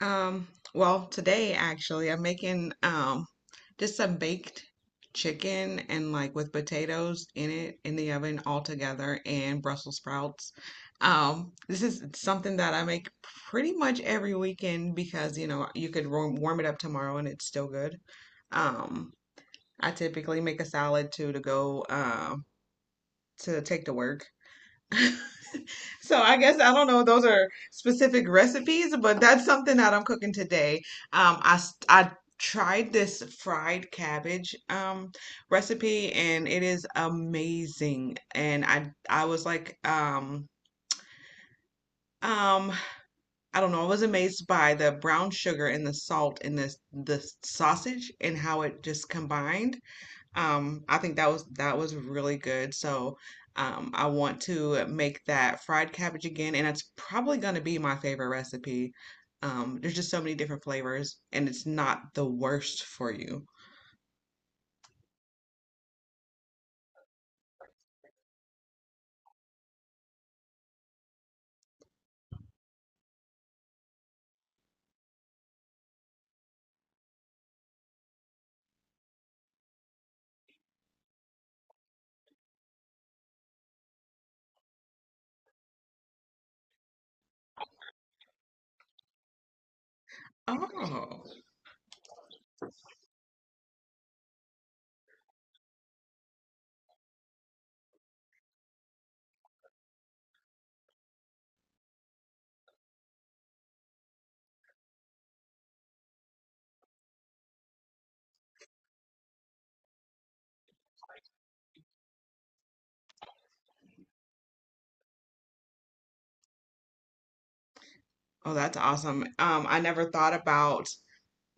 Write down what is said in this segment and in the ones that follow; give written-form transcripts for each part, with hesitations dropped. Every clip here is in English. Um, well, today actually, I'm making just some baked chicken and like with potatoes in it in the oven all together and Brussels sprouts. This is something that I make pretty much every weekend because you could warm it up tomorrow and it's still good. Um, I typically make a salad too to go to take to work. So I guess I don't know. Those are specific recipes, but that's something that I'm cooking today. I tried this fried cabbage recipe, and it is amazing. And I was like. Um, I don't know. I was amazed by the brown sugar and the salt in this the sausage and how it just combined. I think that was really good. So, I want to make that fried cabbage again, and it's probably going to be my favorite recipe. There's just so many different flavors, and it's not the worst for you. Oh, oh, that's awesome. I never thought about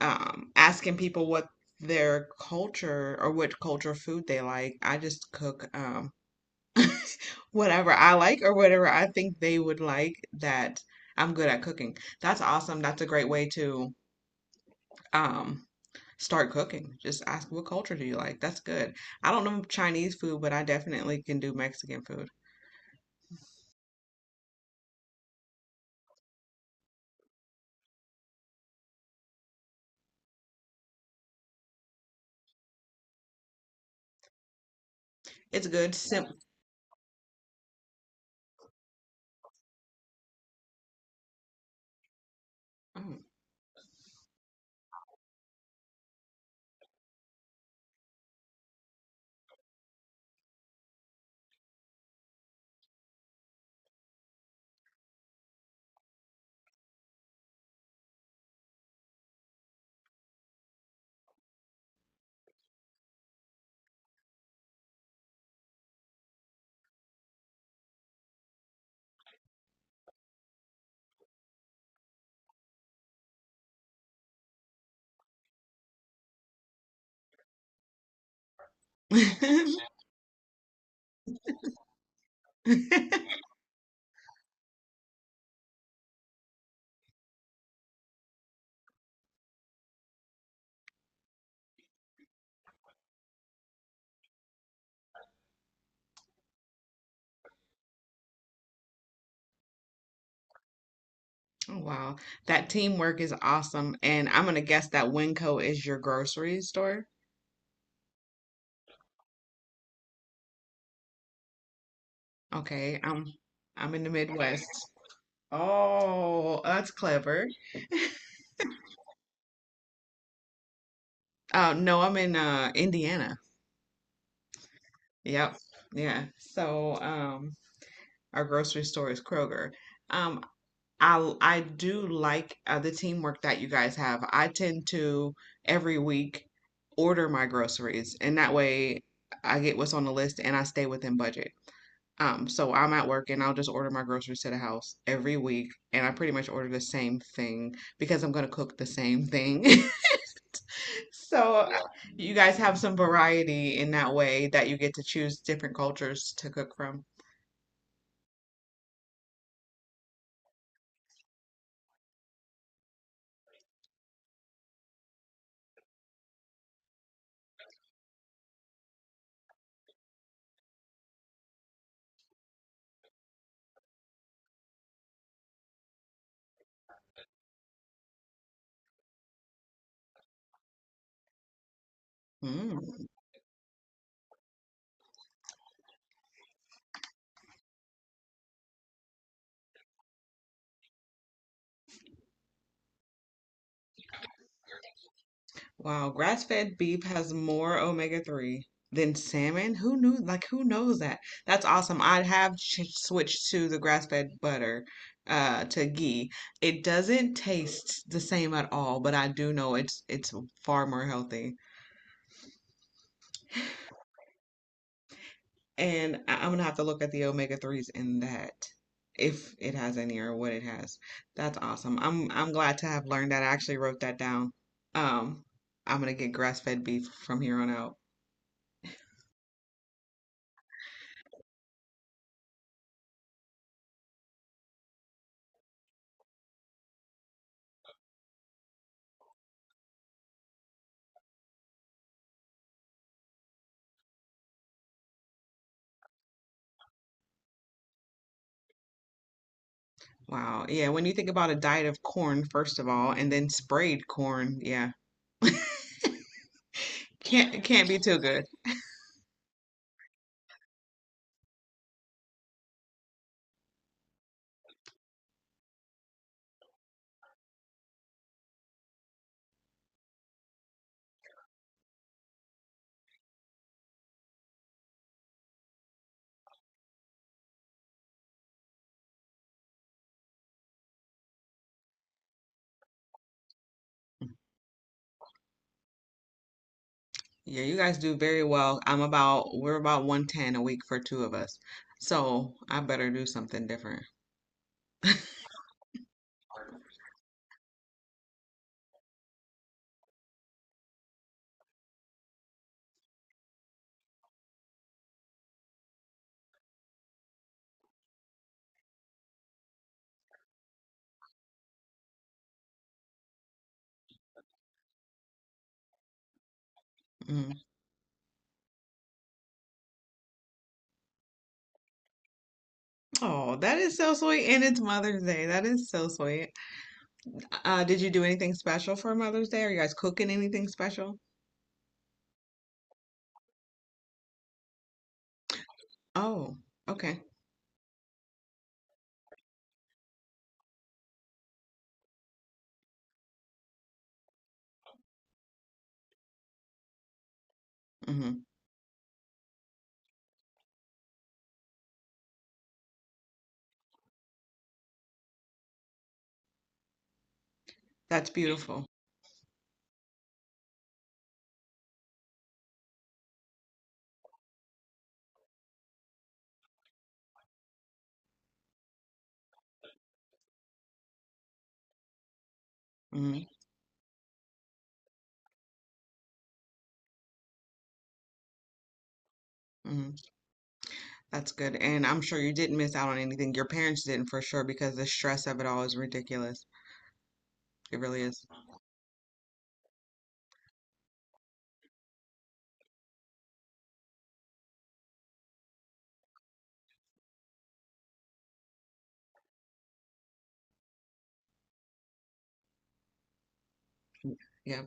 asking people what their culture or which culture food they like. I just cook. Whatever I like or whatever I think they would like that I'm good at cooking. That's awesome. That's a great way to um start cooking. Just ask, what culture do you like? That's good. I don't know Chinese food, but I definitely can do Mexican food. It's good. Oh. Wow, that teamwork is awesome. And I'm gonna guess that Winco is your grocery store. Okay, I'm in the Midwest. Oh, that's clever. No, I'm in Indiana. Yep. Yeah. So, our grocery store is Kroger. Um, I do like the teamwork that you guys have. I tend to every week order my groceries, and that way I get what's on the list and I stay within budget. So I'm at work and I'll just order my groceries to the house every week, and I pretty much order the same thing because I'm gonna cook the same thing. So, yeah, you guys have some variety in that way that you get to choose different cultures to cook from. Mm. Wow, grass-fed beef has more omega-3 than salmon. Who knew? Like, who knows that? That's awesome. I have ch switched to the grass-fed butter, to ghee. It doesn't taste the same at all, but I do know it's far more healthy. And I'm gonna have to look at the omega threes in that if it has any or what it has. That's awesome. I'm glad to have learned that. I actually wrote that down. Um, I'm gonna get grass fed beef from here on out. Wow. Yeah, when you think about a diet of corn, first of all, and then sprayed corn, yeah, can't be too good. Yeah, you guys do very well. We're about 110 a week for two of us. So I better do something different. Mm. Oh, that is so sweet. And it's Mother's Day. That is so sweet. Did you do anything special for Mother's Day? Are you guys cooking anything special? Oh, okay. Hmm. That's beautiful. Mm-hmm. Mm-hmm. That's good. And I'm sure you didn't miss out on anything. Your parents didn't for sure because the stress of it all is ridiculous. It really is. Yeah.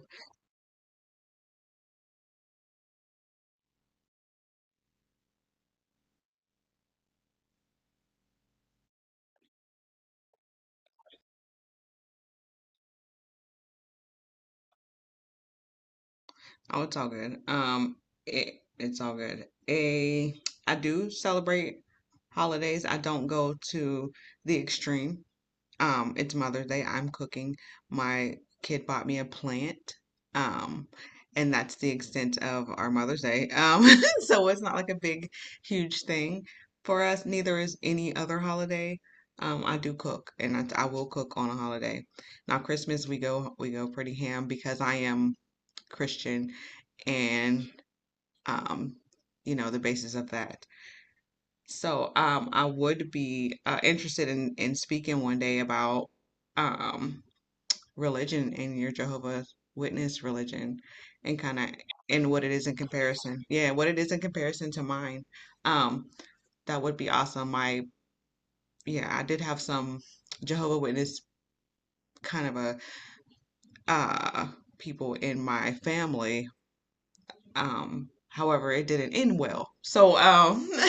Oh, it's all good. It's all good. I do celebrate holidays. I don't go to the extreme. It's Mother's Day. I'm cooking. My kid bought me a plant. Um, and that's the extent of our Mother's Day. So it's not like a big, huge thing for us. Neither is any other holiday. I do cook and I will cook on a holiday. Now Christmas we go pretty ham because I am Christian and um, the basis of that. So I would be interested in speaking one day about um religion and your Jehovah's Witness religion and kind of and what it is in comparison. Yeah, what it is in comparison to mine. Um, that would be awesome. My Yeah, I did have some Jehovah Witness kind of a uh people in my family. However, it didn't end well. So.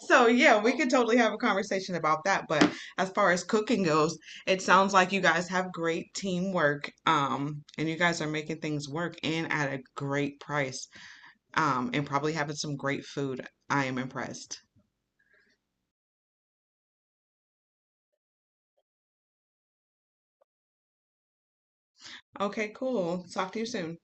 So yeah, we could totally have a conversation about that. But as far as cooking goes, it sounds like you guys have great teamwork, and you guys are making things work and at a great price, and probably having some great food. I am impressed. Okay, cool. Talk to you soon.